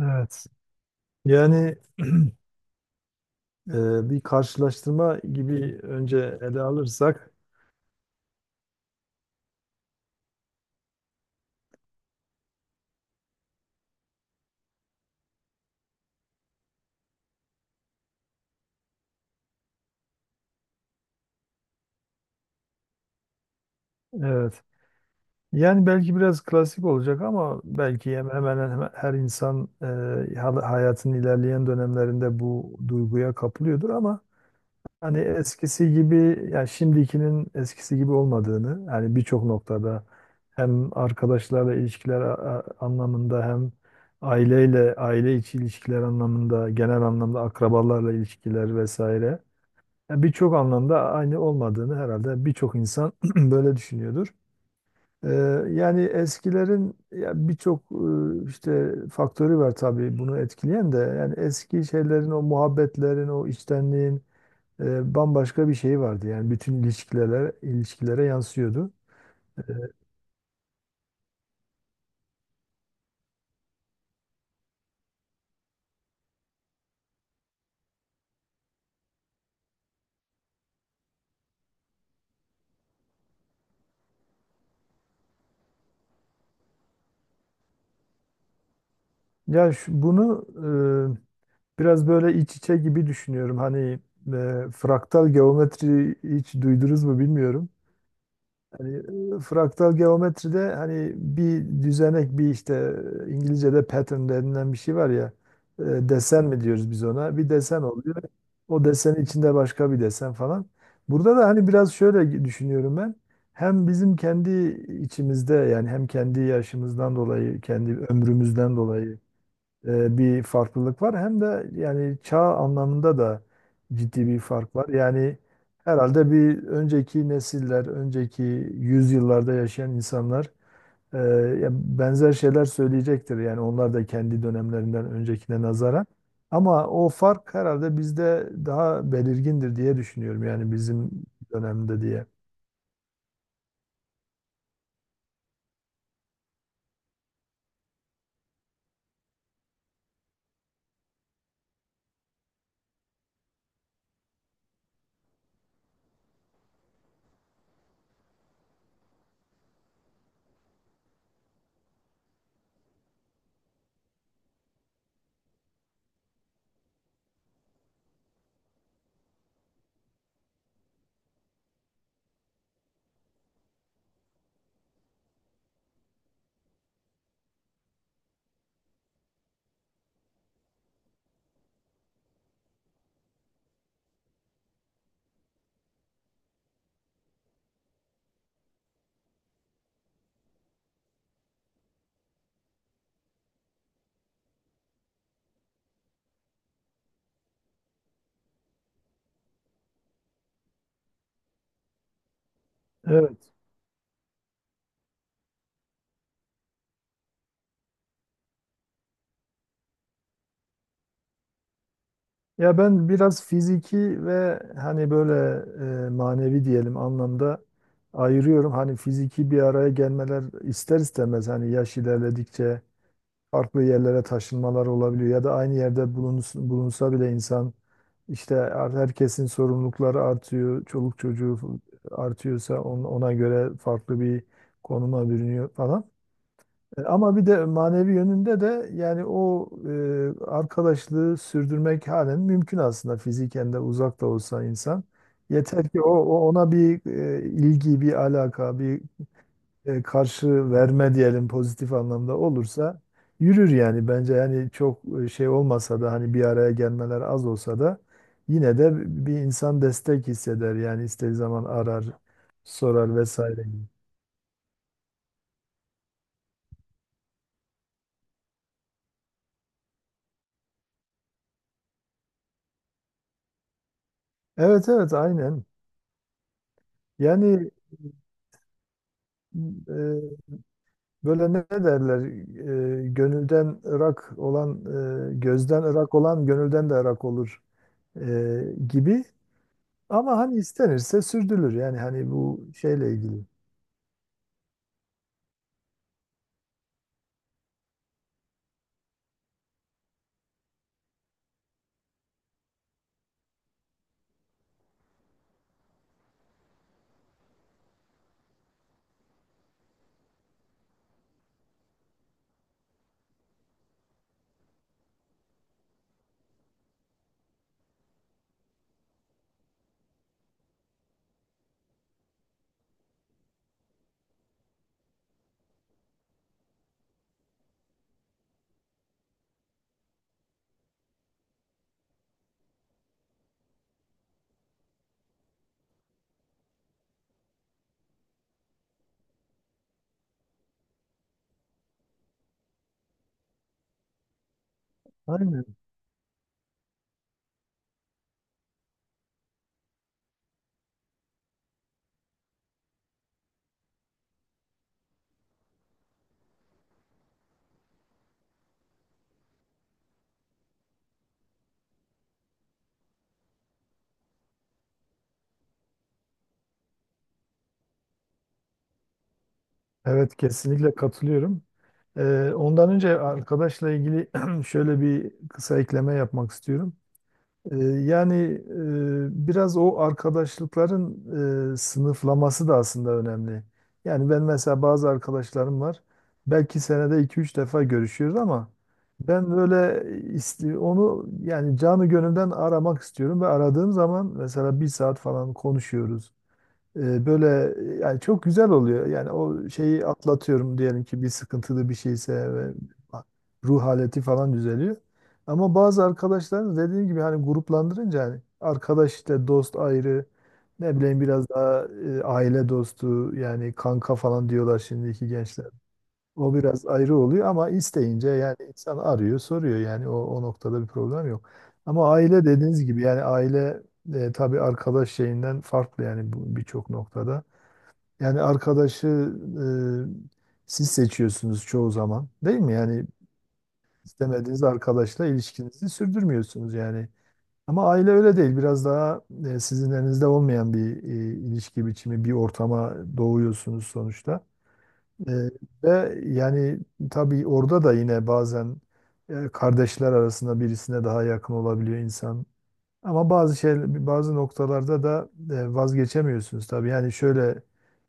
Evet. Yani bir karşılaştırma gibi önce ele alırsak, evet. Yani belki biraz klasik olacak ama belki hemen hemen her insan hayatın ilerleyen dönemlerinde bu duyguya kapılıyordur ama hani eskisi gibi yani şimdikinin eskisi gibi olmadığını yani birçok noktada hem arkadaşlarla ilişkiler anlamında hem aileyle aile içi ilişkiler anlamında genel anlamda akrabalarla ilişkiler vesaire yani birçok anlamda aynı olmadığını herhalde birçok insan böyle düşünüyordur. Ee, Yani eskilerin ya birçok işte faktörü var tabii bunu etkileyen de yani eski şeylerin o muhabbetlerin o içtenliğin bambaşka bir şey vardı. Yani bütün ilişkilere yansıyordu. Ya, bunu biraz böyle iç içe gibi düşünüyorum. Hani fraktal geometri hiç duydunuz mu bilmiyorum. Hani fraktal geometride hani bir düzenek bir işte İngilizce'de pattern denilen bir şey var ya, e, desen mi diyoruz biz ona, bir desen oluyor. O desenin içinde başka bir desen falan. Burada da hani biraz şöyle düşünüyorum ben. Hem bizim kendi içimizde yani hem kendi yaşımızdan dolayı, kendi ömrümüzden dolayı bir farklılık var. Hem de yani çağ anlamında da ciddi bir fark var. Yani herhalde bir önceki nesiller, önceki yüzyıllarda yaşayan insanlar e, ya benzer şeyler söyleyecektir. Yani onlar da kendi dönemlerinden öncekine nazaran. Ama o fark herhalde bizde daha belirgindir diye düşünüyorum. Yani bizim dönemde diye. Evet. Ya ben biraz fiziki ve hani böyle manevi diyelim anlamda ayırıyorum. Hani fiziki bir araya gelmeler ister istemez hani yaş ilerledikçe farklı yerlere taşınmalar olabiliyor ya da aynı yerde bulunsa bile insan işte herkesin sorumlulukları artıyor, çoluk çocuğu artıyorsa ona göre farklı bir konuma bürünüyor falan. Ama bir de manevi yönünde de yani o arkadaşlığı sürdürmek halen mümkün, aslında fiziken de uzak da olsa insan. Yeter ki ona bir ilgi, bir alaka, bir karşı verme diyelim, pozitif anlamda olursa yürür yani, bence yani çok şey olmasa da, hani bir araya gelmeler az olsa da yine de bir insan destek hisseder yani, istediği zaman arar, sorar vesaire gibi. Evet, evet, aynen. Yani e, böyle ne derler? Gönülden ırak olan, gözden ırak olan gönülden de ırak olur e, gibi. Ama hani istenirse sürdürülür. Yani hani bu şeyle ilgili. Aynen. Evet, kesinlikle katılıyorum. Ondan önce arkadaşla ilgili şöyle bir kısa ekleme yapmak istiyorum. Yani biraz o arkadaşlıkların sınıflaması da aslında önemli. Yani ben mesela bazı arkadaşlarım var. Belki senede 2-3 defa görüşüyoruz ama ben böyle onu yani canı gönülden aramak istiyorum ve aradığım zaman mesela 1 saat falan konuşuyoruz. Böyle yani çok güzel oluyor. Yani o şeyi atlatıyorum diyelim ki, bir sıkıntılı bir şeyse ve ruh haleti falan düzeliyor. Ama bazı arkadaşlar dediğim gibi hani gruplandırınca hani arkadaş işte, dost ayrı, ne bileyim biraz daha aile dostu yani, kanka falan diyorlar şimdiki gençler. O biraz ayrı oluyor ama isteyince yani insan arıyor, soruyor yani o noktada bir problem yok. Ama aile dediğiniz gibi yani aile tabii arkadaş şeyinden farklı yani, birçok noktada. Yani arkadaşı siz seçiyorsunuz çoğu zaman değil mi? Yani istemediğiniz arkadaşla ilişkinizi sürdürmüyorsunuz yani. Ama aile öyle değil. Biraz daha sizin elinizde olmayan bir ilişki biçimi, bir ortama doğuyorsunuz sonuçta. Ee, ve yani tabii orada da yine bazen kardeşler arasında birisine daha yakın olabiliyor insan. Ama bazı noktalarda da vazgeçemiyorsunuz tabii. Yani şöyle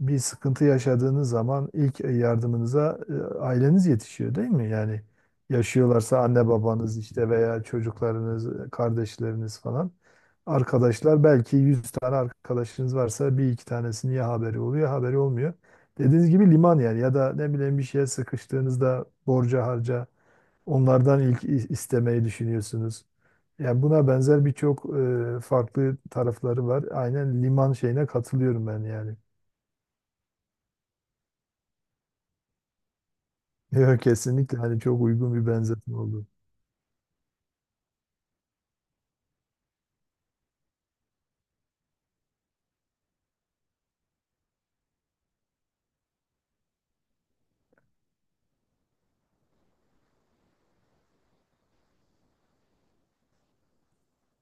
bir sıkıntı yaşadığınız zaman ilk yardımınıza aileniz yetişiyor değil mi? Yani yaşıyorlarsa anne babanız işte, veya çocuklarınız, kardeşleriniz falan. Arkadaşlar belki 100 tane arkadaşınız varsa 1-2 tanesinin ya haberi oluyor ya haberi olmuyor. Dediğiniz gibi liman yani, ya da ne bileyim, bir şeye sıkıştığınızda, borca harca onlardan ilk istemeyi düşünüyorsunuz. Yani buna benzer birçok farklı tarafları var. Aynen liman şeyine katılıyorum ben yani. Yok, kesinlikle hani çok uygun bir benzetme oldu.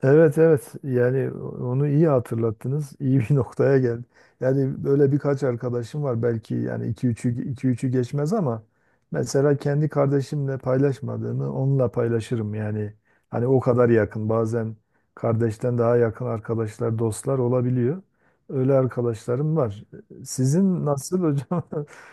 Evet, evet, yani onu iyi hatırlattınız. İyi bir noktaya geldi. Yani böyle birkaç arkadaşım var belki, yani 2-3'ü geçmez ama mesela kendi kardeşimle paylaşmadığımı onunla paylaşırım yani. Hani o kadar yakın, bazen kardeşten daha yakın arkadaşlar, dostlar olabiliyor. Öyle arkadaşlarım var. Sizin nasıl hocam?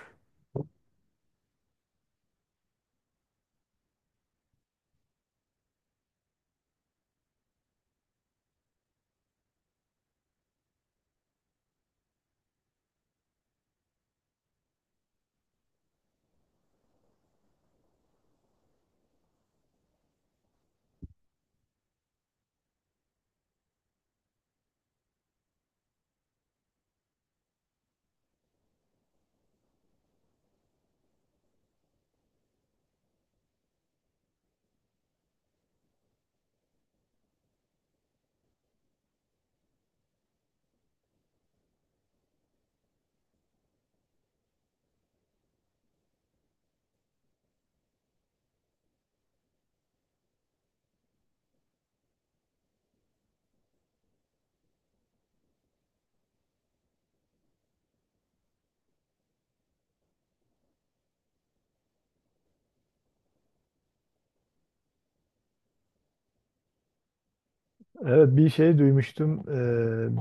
Evet, bir şey duymuştum.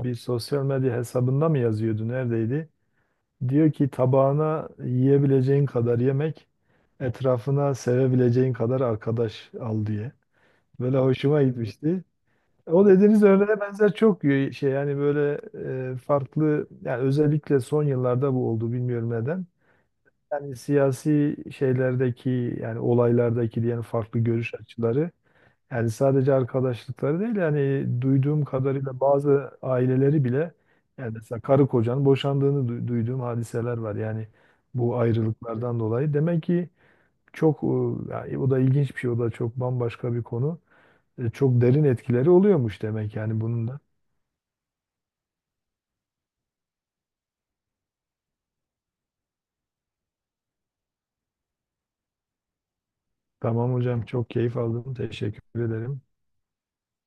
Bir sosyal medya hesabında mı yazıyordu? Neredeydi? Diyor ki, tabağına yiyebileceğin kadar yemek, etrafına sevebileceğin kadar arkadaş al diye. Böyle hoşuma gitmişti. O dediğiniz örneğe benzer çok şey yani, böyle farklı yani, özellikle son yıllarda bu oldu bilmiyorum neden. Yani siyasi şeylerdeki yani olaylardaki diyelim farklı görüş açıları yani sadece arkadaşlıkları değil yani, duyduğum kadarıyla bazı aileleri bile, yani mesela karı kocanın boşandığını duyduğum hadiseler var. Yani bu ayrılıklardan dolayı. Demek ki çok yani o da ilginç bir şey, o da çok bambaşka bir konu. Çok derin etkileri oluyormuş demek yani bunun da. Tamam hocam, çok keyif aldım. Teşekkür ederim.